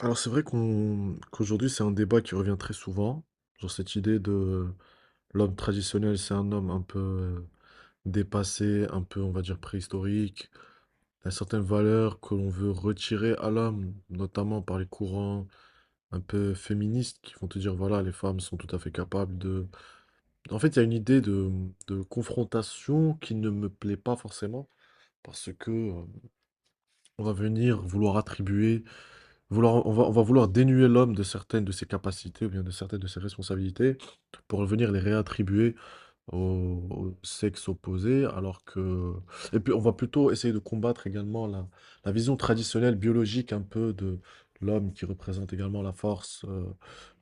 Alors c'est vrai qu'on qu'aujourd'hui c'est un débat qui revient très souvent, genre cette idée de l'homme traditionnel, c'est un homme un peu dépassé, un peu on va dire préhistorique. Il y a certaines valeurs que l'on veut retirer à l'homme, notamment par les courants un peu féministes qui vont te dire voilà, les femmes sont tout à fait capables de... En fait il y a une idée de confrontation qui ne me plaît pas forcément parce que on va venir vouloir attribuer... Vouloir, on va vouloir dénuer l'homme de certaines de ses capacités ou bien de certaines de ses responsabilités pour venir les réattribuer au sexe opposé, alors que... Et puis on va plutôt essayer de combattre également la vision traditionnelle biologique un peu de l'homme, qui représente également la force,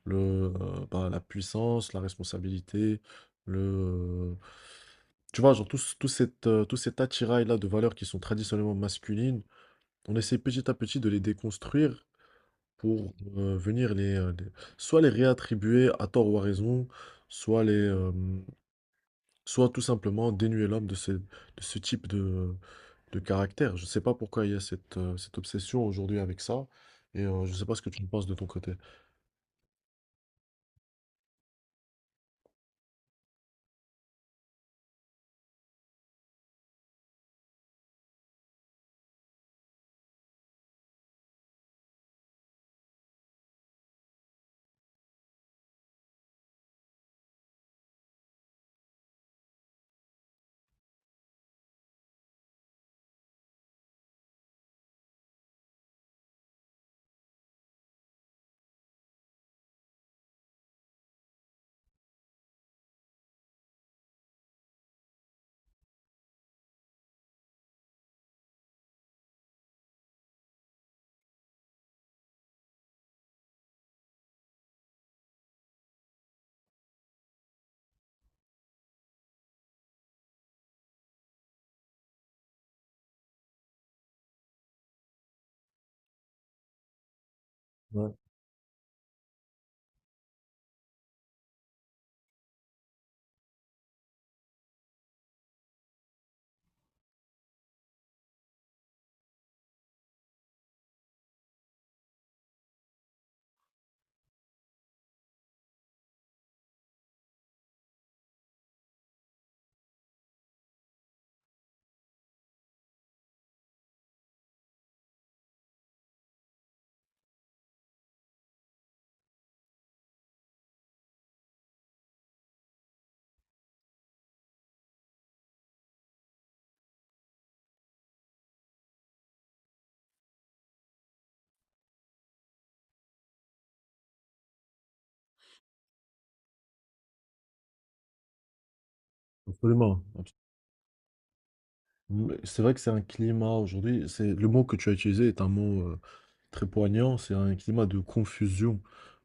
le, la puissance, la responsabilité, le... Tu vois, genre tout, tout tout cet attirail-là de valeurs qui sont traditionnellement masculines, on essaie petit à petit de les déconstruire pour, venir les... Soit les réattribuer à tort ou à raison, soit soit tout simplement dénuer l'homme de ce type de caractère. Je ne sais pas pourquoi il y a cette obsession aujourd'hui avec ça, et je ne sais pas ce que tu en penses de ton côté? Ouais, absolument, abs... Mais c'est vrai que c'est un climat aujourd'hui, c'est le mot que tu as utilisé, est un mot, très poignant, c'est un climat de confusion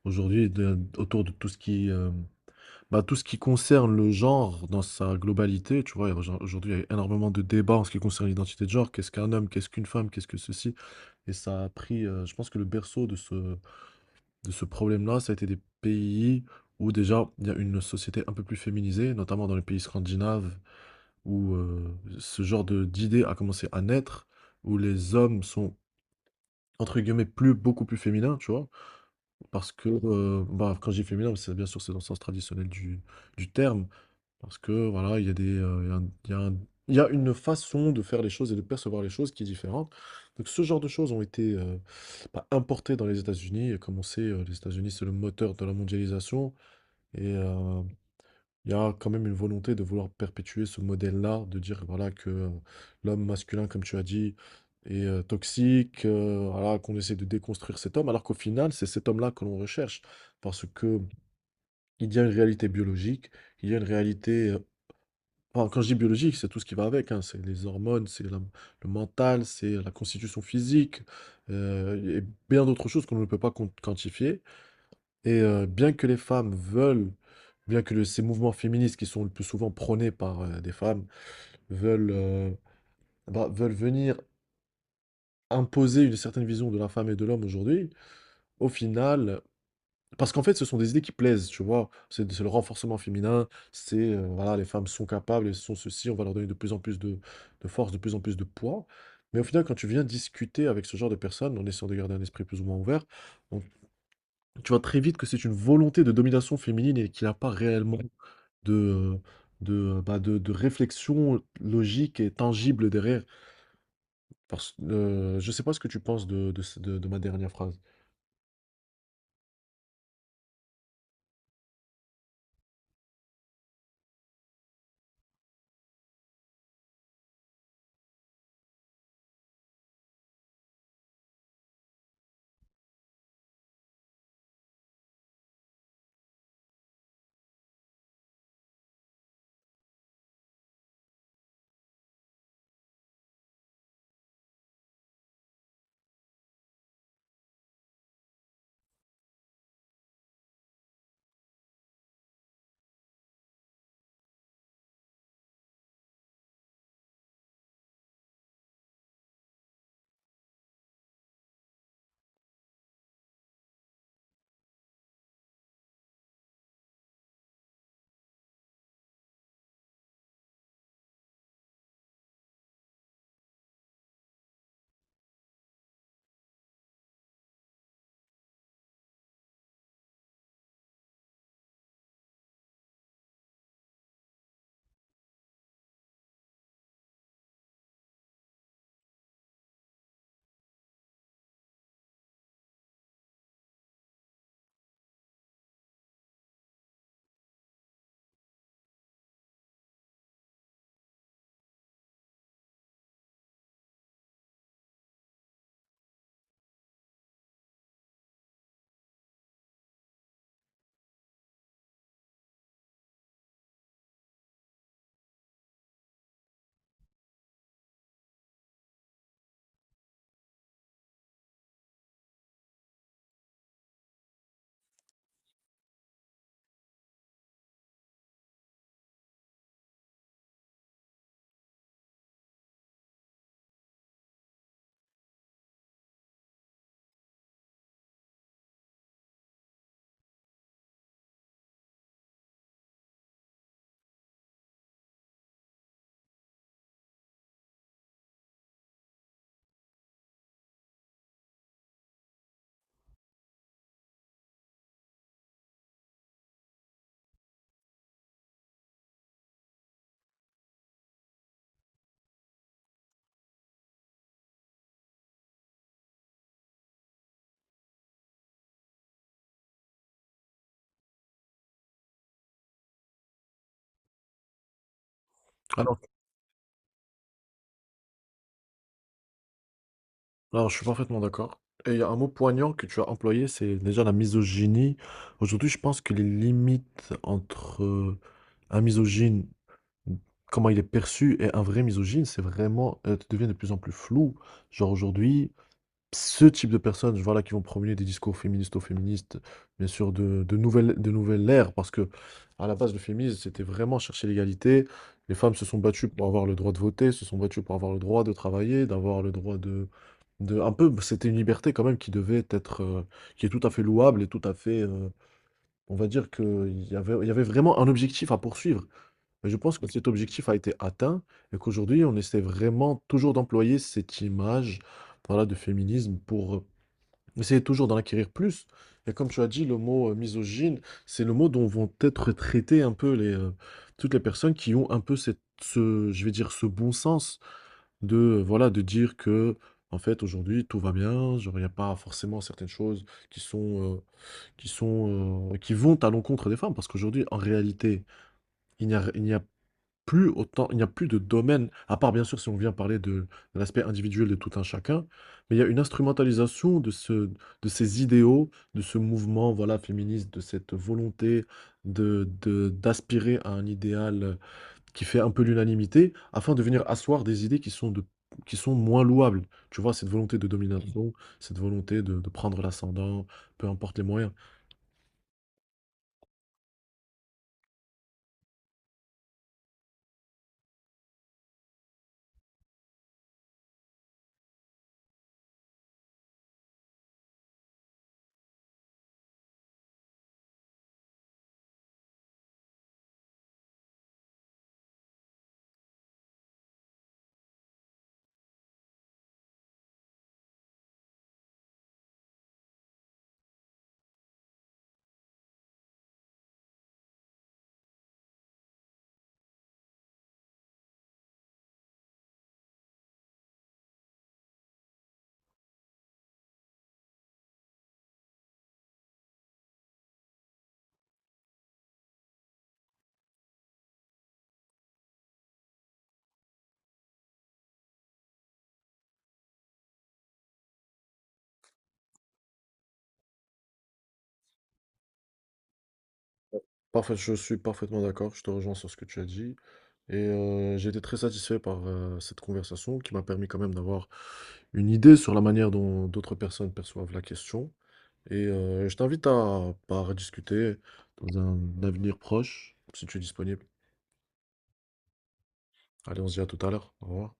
aujourd'hui, de autour de tout ce qui... Bah, tout ce qui concerne le genre dans sa globalité, tu vois. Aujourd'hui, il y a énormément de débats en ce qui concerne l'identité de genre. Qu'est-ce qu'un homme? Qu'est-ce qu'une femme? Qu'est-ce que ceci? Et ça a pris, je pense que le berceau de ce problème-là, ça a été des pays où déjà il y a une société un peu plus féminisée, notamment dans les pays scandinaves, où ce genre d'idée a commencé à naître, où les hommes sont, entre guillemets, plus, beaucoup plus féminins, tu vois. Parce que, quand je dis féminin, c'est bien sûr, c'est dans le sens traditionnel du terme, parce que voilà, il y a... il y a une façon de faire les choses et de percevoir les choses qui est différente. Donc ce genre de choses ont été bah, importées dans les États-Unis. Et comme on sait, les États-Unis, c'est le moteur de la mondialisation. Et il y a quand même une volonté de vouloir perpétuer ce modèle-là, de dire voilà, que l'homme masculin, comme tu as dit, est toxique, voilà, qu'on essaie de déconstruire cet homme, alors qu'au final, c'est cet homme-là que l'on recherche. Parce que il y a une réalité biologique, il y a une réalité... Bon, quand je dis biologique, c'est tout ce qui va avec, hein. C'est les hormones, le mental, c'est la constitution physique, et bien d'autres choses qu'on ne peut pas quantifier. Et bien que les femmes veulent, bien que ces mouvements féministes qui sont le plus souvent prônés par des femmes veulent, veulent venir imposer une certaine vision de la femme et de l'homme aujourd'hui, au final... Parce qu'en fait, ce sont des idées qui plaisent, tu vois? C'est le renforcement féminin, c'est, voilà, les femmes sont capables, elles sont ceci, on va leur donner de plus en plus de force, de plus en plus de poids. Mais au final, quand tu viens discuter avec ce genre de personnes, en essayant de garder un esprit plus ou moins ouvert, on tu vois très vite que c'est une volonté de domination féminine, et qu'il y a pas réellement de, euh, de, de réflexion logique et tangible derrière. Parce Je sais pas ce que tu penses de ce de ma dernière phrase. Alors, je suis parfaitement d'accord. Et il y a un mot poignant que tu as employé, c'est déjà la misogynie. Aujourd'hui, je pense que les limites entre un misogyne, comment il est perçu, et un vrai misogyne, c'est vraiment, devient de plus en plus flou. Genre aujourd'hui, ce type de personnes, voilà, qui vont promener des discours féministes aux féministes, bien sûr, de nouvelles ère, parce que à la base, le féminisme, c'était vraiment chercher l'égalité. Les femmes se sont battues pour avoir le droit de voter, se sont battues pour avoir le droit de travailler, d'avoir le droit de, un peu, c'était une liberté quand même qui devait être, qui est tout à fait louable et tout à fait, on va dire il y avait vraiment un objectif à poursuivre. Et je pense que cet objectif a été atteint et qu'aujourd'hui, on essaie vraiment toujours d'employer cette image, voilà, de féminisme pour... Essayez toujours d'en acquérir plus. Et comme tu as dit, le mot misogyne, c'est le mot dont vont être traitées un peu toutes les personnes qui ont un peu ce, je vais dire, ce bon sens de, voilà, de dire que, en fait, aujourd'hui, tout va bien, genre, il n'y a pas forcément certaines choses qui sont, euh, qui sont, qui vont à l'encontre des femmes. Parce qu'aujourd'hui, en réalité, il n'y a plus autant, il n'y a plus de domaine, à part bien sûr si on vient parler de l'aspect individuel de tout un chacun, mais il y a une instrumentalisation de ce, de ces idéaux, de ce mouvement, voilà, féministe, de cette volonté d'aspirer à un idéal qui fait un peu l'unanimité, afin de venir asseoir des idées qui sont qui sont moins louables. Tu vois, cette volonté de domination, cette volonté de prendre l'ascendant, peu importe les moyens. Parfait, je suis parfaitement d'accord, je te rejoins sur ce que tu as dit. Et j'ai été très satisfait par cette conversation, qui m'a permis quand même d'avoir une idée sur la manière dont d'autres personnes perçoivent la question. Et je t'invite à, bah, à rediscuter dans un avenir proche, si tu es disponible. Allez, on se dit à tout à l'heure. Au revoir.